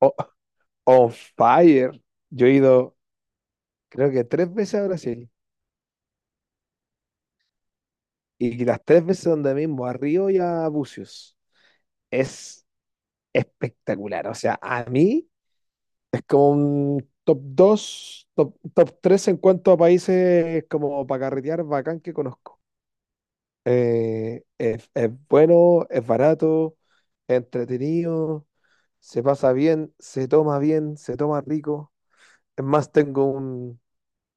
o- On fire. Yo he ido, creo que tres veces a Brasil y las tres veces donde mismo, a Río y a Búzios. Es espectacular. O sea, a mí es como un top 2, top 3 en cuanto a países como para carretear bacán que conozco. Es bueno, es barato, es entretenido, se pasa bien, se toma rico. Es más, tengo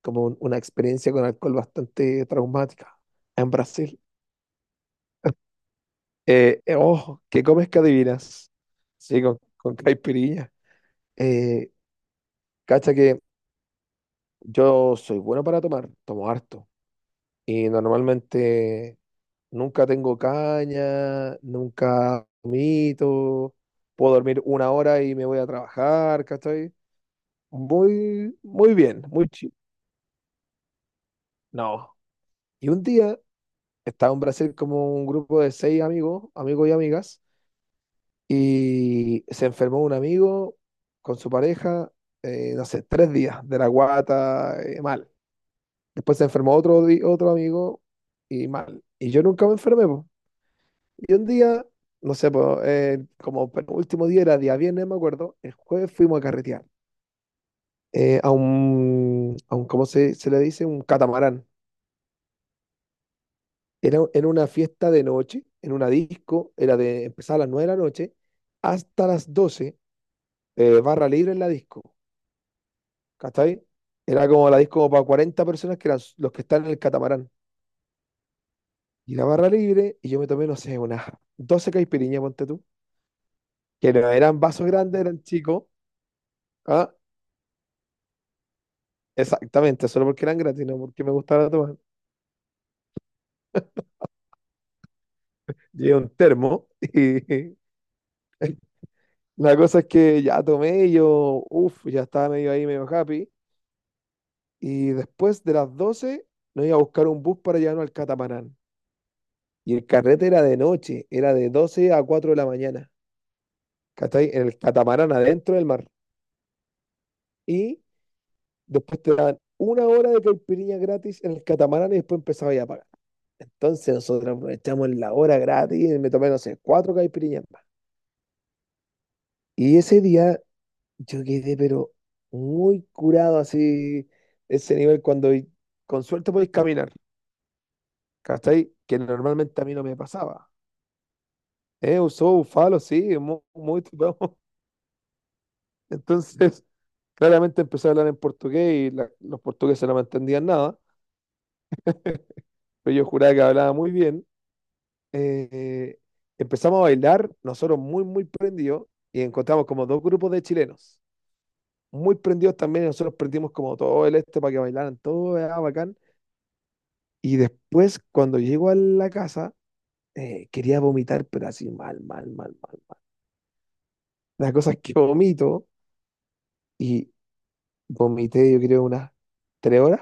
como una experiencia con alcohol bastante traumática en Brasil. Oh, ¿qué comes que adivinas? Sí, con caipirinha. Eh, Cacha que yo soy bueno para tomar, tomo harto. Y normalmente nunca tengo caña, nunca vomito, puedo dormir una hora y me voy a trabajar, ¿cachai? Muy, muy bien, muy chido. No. Y un día estaba en Brasil como un grupo de seis amigos, amigos y amigas. Y se enfermó un amigo con su pareja, no sé, 3 días de la guata, mal. Después se enfermó otro amigo y mal. Y yo nunca me enfermé, po. Y un día, no sé, po, como penúltimo día era día viernes, me acuerdo, el jueves fuimos a carretear ¿cómo se le dice? Un catamarán. Era una fiesta de noche, en una disco, era de empezar a las 9 de la noche hasta las 12, barra libre en la disco. ¿Cachai? Era como la disco como para 40 personas que eran los que están en el catamarán. Y la barra libre, y yo me tomé, no sé, unas 12 caipiriñas, ponte tú. Que no eran vasos grandes, eran chicos. Ah, exactamente, solo porque eran gratis, no porque me gustaba tomar. Llevé un termo y la cosa es que ya tomé y yo, uff, ya estaba medio ahí, medio happy. Y después de las 12 nos iba a buscar un bus para llevarnos al catamarán. Y el carrete era de noche, era de 12 a 4 de la mañana. ¿Cachai? En el catamarán adentro del mar. Y después te dan una hora de caipirinha gratis en el catamarán y después empezaba ya a pagar. Entonces nosotros aprovechamos la hora gratis y me tomé, no sé, cuatro caipirinhas más. Y ese día yo quedé, pero muy curado así, ese nivel cuando con suerte podéis caminar, ¿cachai? Que normalmente a mí no me pasaba. Usó bufalo, sí, muy, muy tripado. Entonces, claramente empecé a hablar en portugués y los portugueses no me entendían nada. Pero yo juraba que hablaba muy bien. Eh, Empezamos a bailar, nosotros muy, muy prendidos, y encontramos como dos grupos de chilenos, muy prendidos también, y nosotros prendimos como todo el este para que bailaran, todo era bacán. Y después, cuando llego a la casa, quería vomitar, pero así mal, mal, mal, mal, mal. La cosa es que vomito, y vomité yo creo unas 3 horas,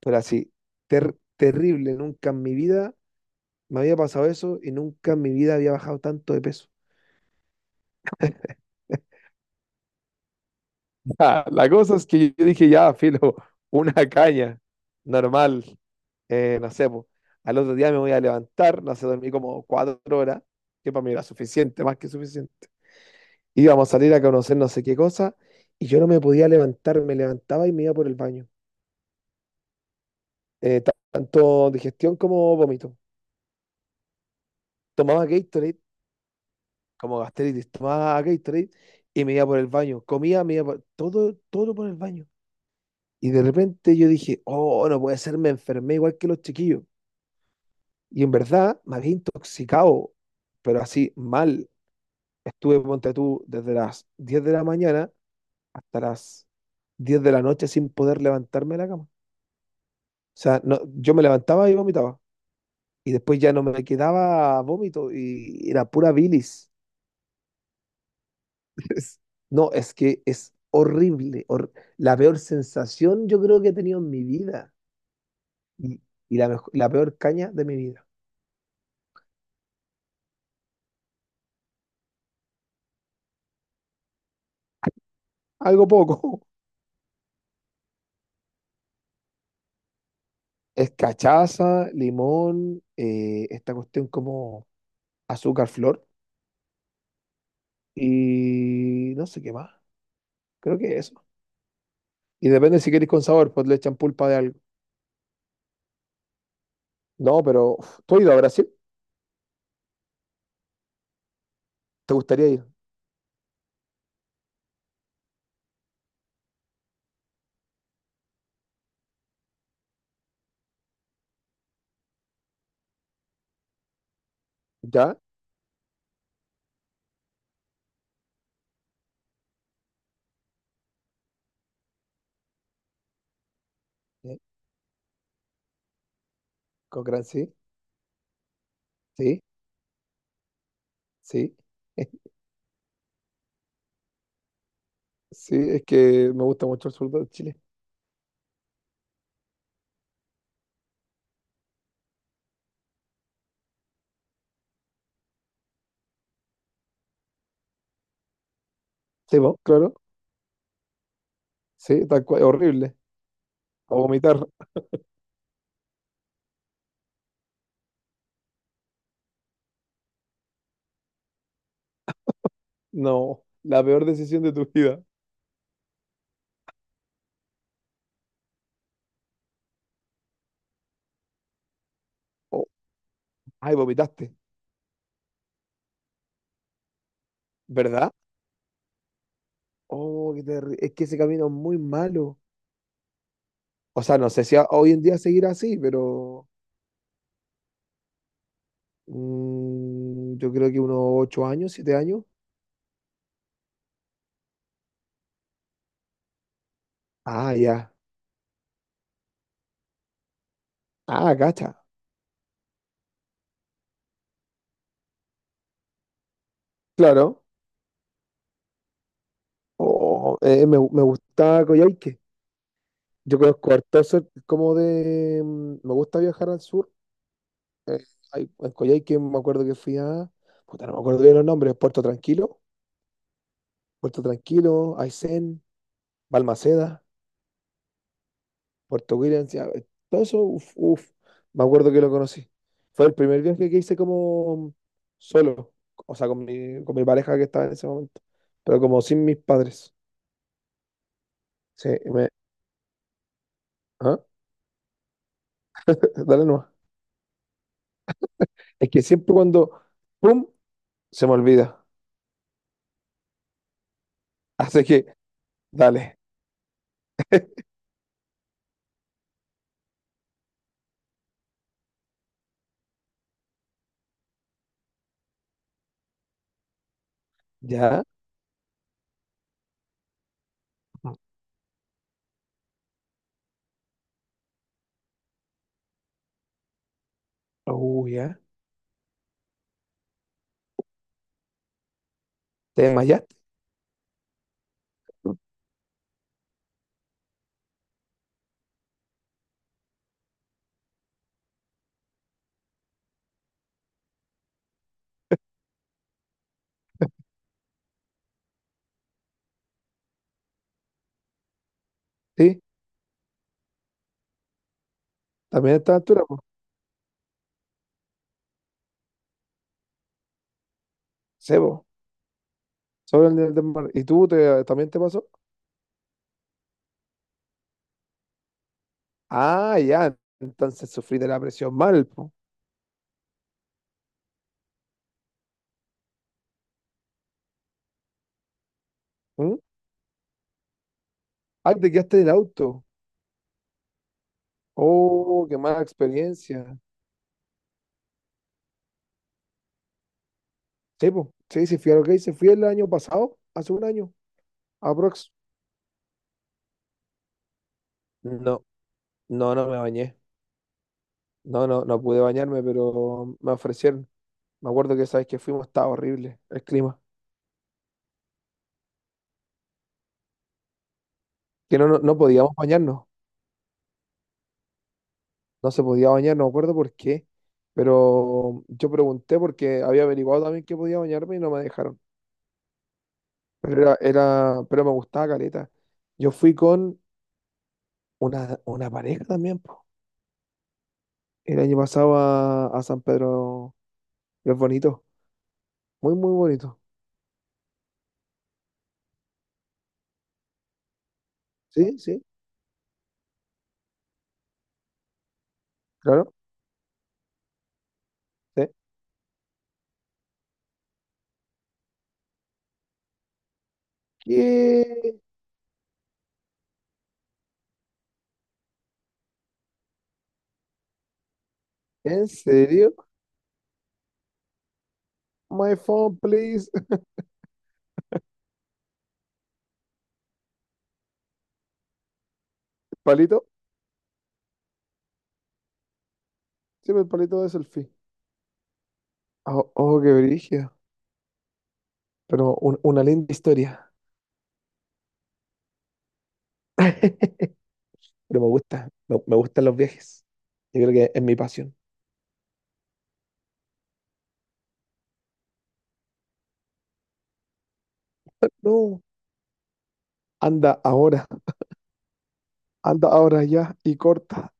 pero así, terrible, nunca en mi vida me había pasado eso, y nunca en mi vida había bajado tanto de peso. Ah, la cosa es que yo dije, ya, filo, una caña, normal, no sé, po. Al otro día me voy a levantar, no sé, dormí como 4 horas, que para mí era suficiente, más que suficiente. Íbamos a salir a conocer no sé qué cosa, y yo no me podía levantar, me levantaba y me iba por el baño. Tanto digestión como vómito. Tomaba Gatorade, como gastritis, tomaba Gatorade y me iba por el baño. Comía, me iba todo, todo por el baño. Y de repente yo dije, oh, no puede ser, me enfermé igual que los chiquillos. Y en verdad me había intoxicado, pero así mal. Estuve, ponte tú, desde las 10 de la mañana hasta las 10 de la noche sin poder levantarme de la cama. O sea, no, yo me levantaba y vomitaba. Y después ya no me quedaba vómito y era pura bilis. Es- No, es que es horrible. La peor sensación yo creo que he tenido en mi vida. Y, y la peor caña de mi vida. Algo poco. Es cachaza, limón, esta cuestión como azúcar, flor y no sé qué más. Creo que eso. Y depende si queréis con sabor, pues le echan pulpa de algo. No, pero uf, ¿tú has ido a Brasil? ¿Te gustaría ir? ¿Ya? ¿Eh? ¿Con gran sí? Sí, sí. Sí, es que me gusta mucho el sur de Chile. Sí, vos, claro. Sí, tal cual. Horrible. A vomitar. No, la peor decisión de tu vida. Oh, ay, vomitaste. ¿Verdad? Oh, es que ese camino es muy malo. O sea, no sé si hoy en día seguirá así, pero. Mm, yo creo que unos 8 años, 7 años. Ah, ya. Ah, cacha. Claro. Oh, me gusta Coyhaique. Yo conozco harto como de. Me gusta viajar al sur. Eh, en Coyhaique me acuerdo que fui a. Puta, no me acuerdo bien los nombres. Puerto Tranquilo. Puerto Tranquilo, Aysén, Balmaceda, Puerto Williams. Ya, todo eso, uf, uf. Me acuerdo que lo conocí. Fue el primer viaje que hice como solo. O sea, con mi pareja que estaba en ese momento. Pero como sin mis padres. Sí, ¿ah? Dale nomás. Es que siempre cuando, ¡pum!, se me olvida. Así que, dale, ya. Ya. ¿Te desmayaste? ¿No? Sí, también a esta altura, pues. Sebo, sobre el nivel del mar. ¿Y tú también te pasó? Ah, ya. Entonces sufrí de la presión mal, pues. Ah, te quedaste del auto. Oh, qué mala experiencia. Sí, pues. Sí, sí, fui a lo que hice. Fui el año pasado, hace un año, aprox. No, no, no me bañé. No, no, no pude bañarme, pero me ofrecieron. Me acuerdo que sabes que fuimos, estaba horrible el clima. Que no, no, no podíamos bañarnos. No se podía bañar, no me acuerdo por qué. Pero yo pregunté porque había averiguado también que podía bañarme y no me dejaron. Pero me gustaba caleta. Yo fui con una pareja también, po. El año pasado a San Pedro es bonito. Muy, muy bonito. Sí, sí, claro. Sí. ¿Qué? ¿En serio? My phone, please. Palito. Sí, pero el palito de selfie. Oh, oh, qué brillo. Pero una linda historia. Pero me gustan los viajes. Yo creo que es mi pasión. No, anda ahora, anda ahora ya y corta.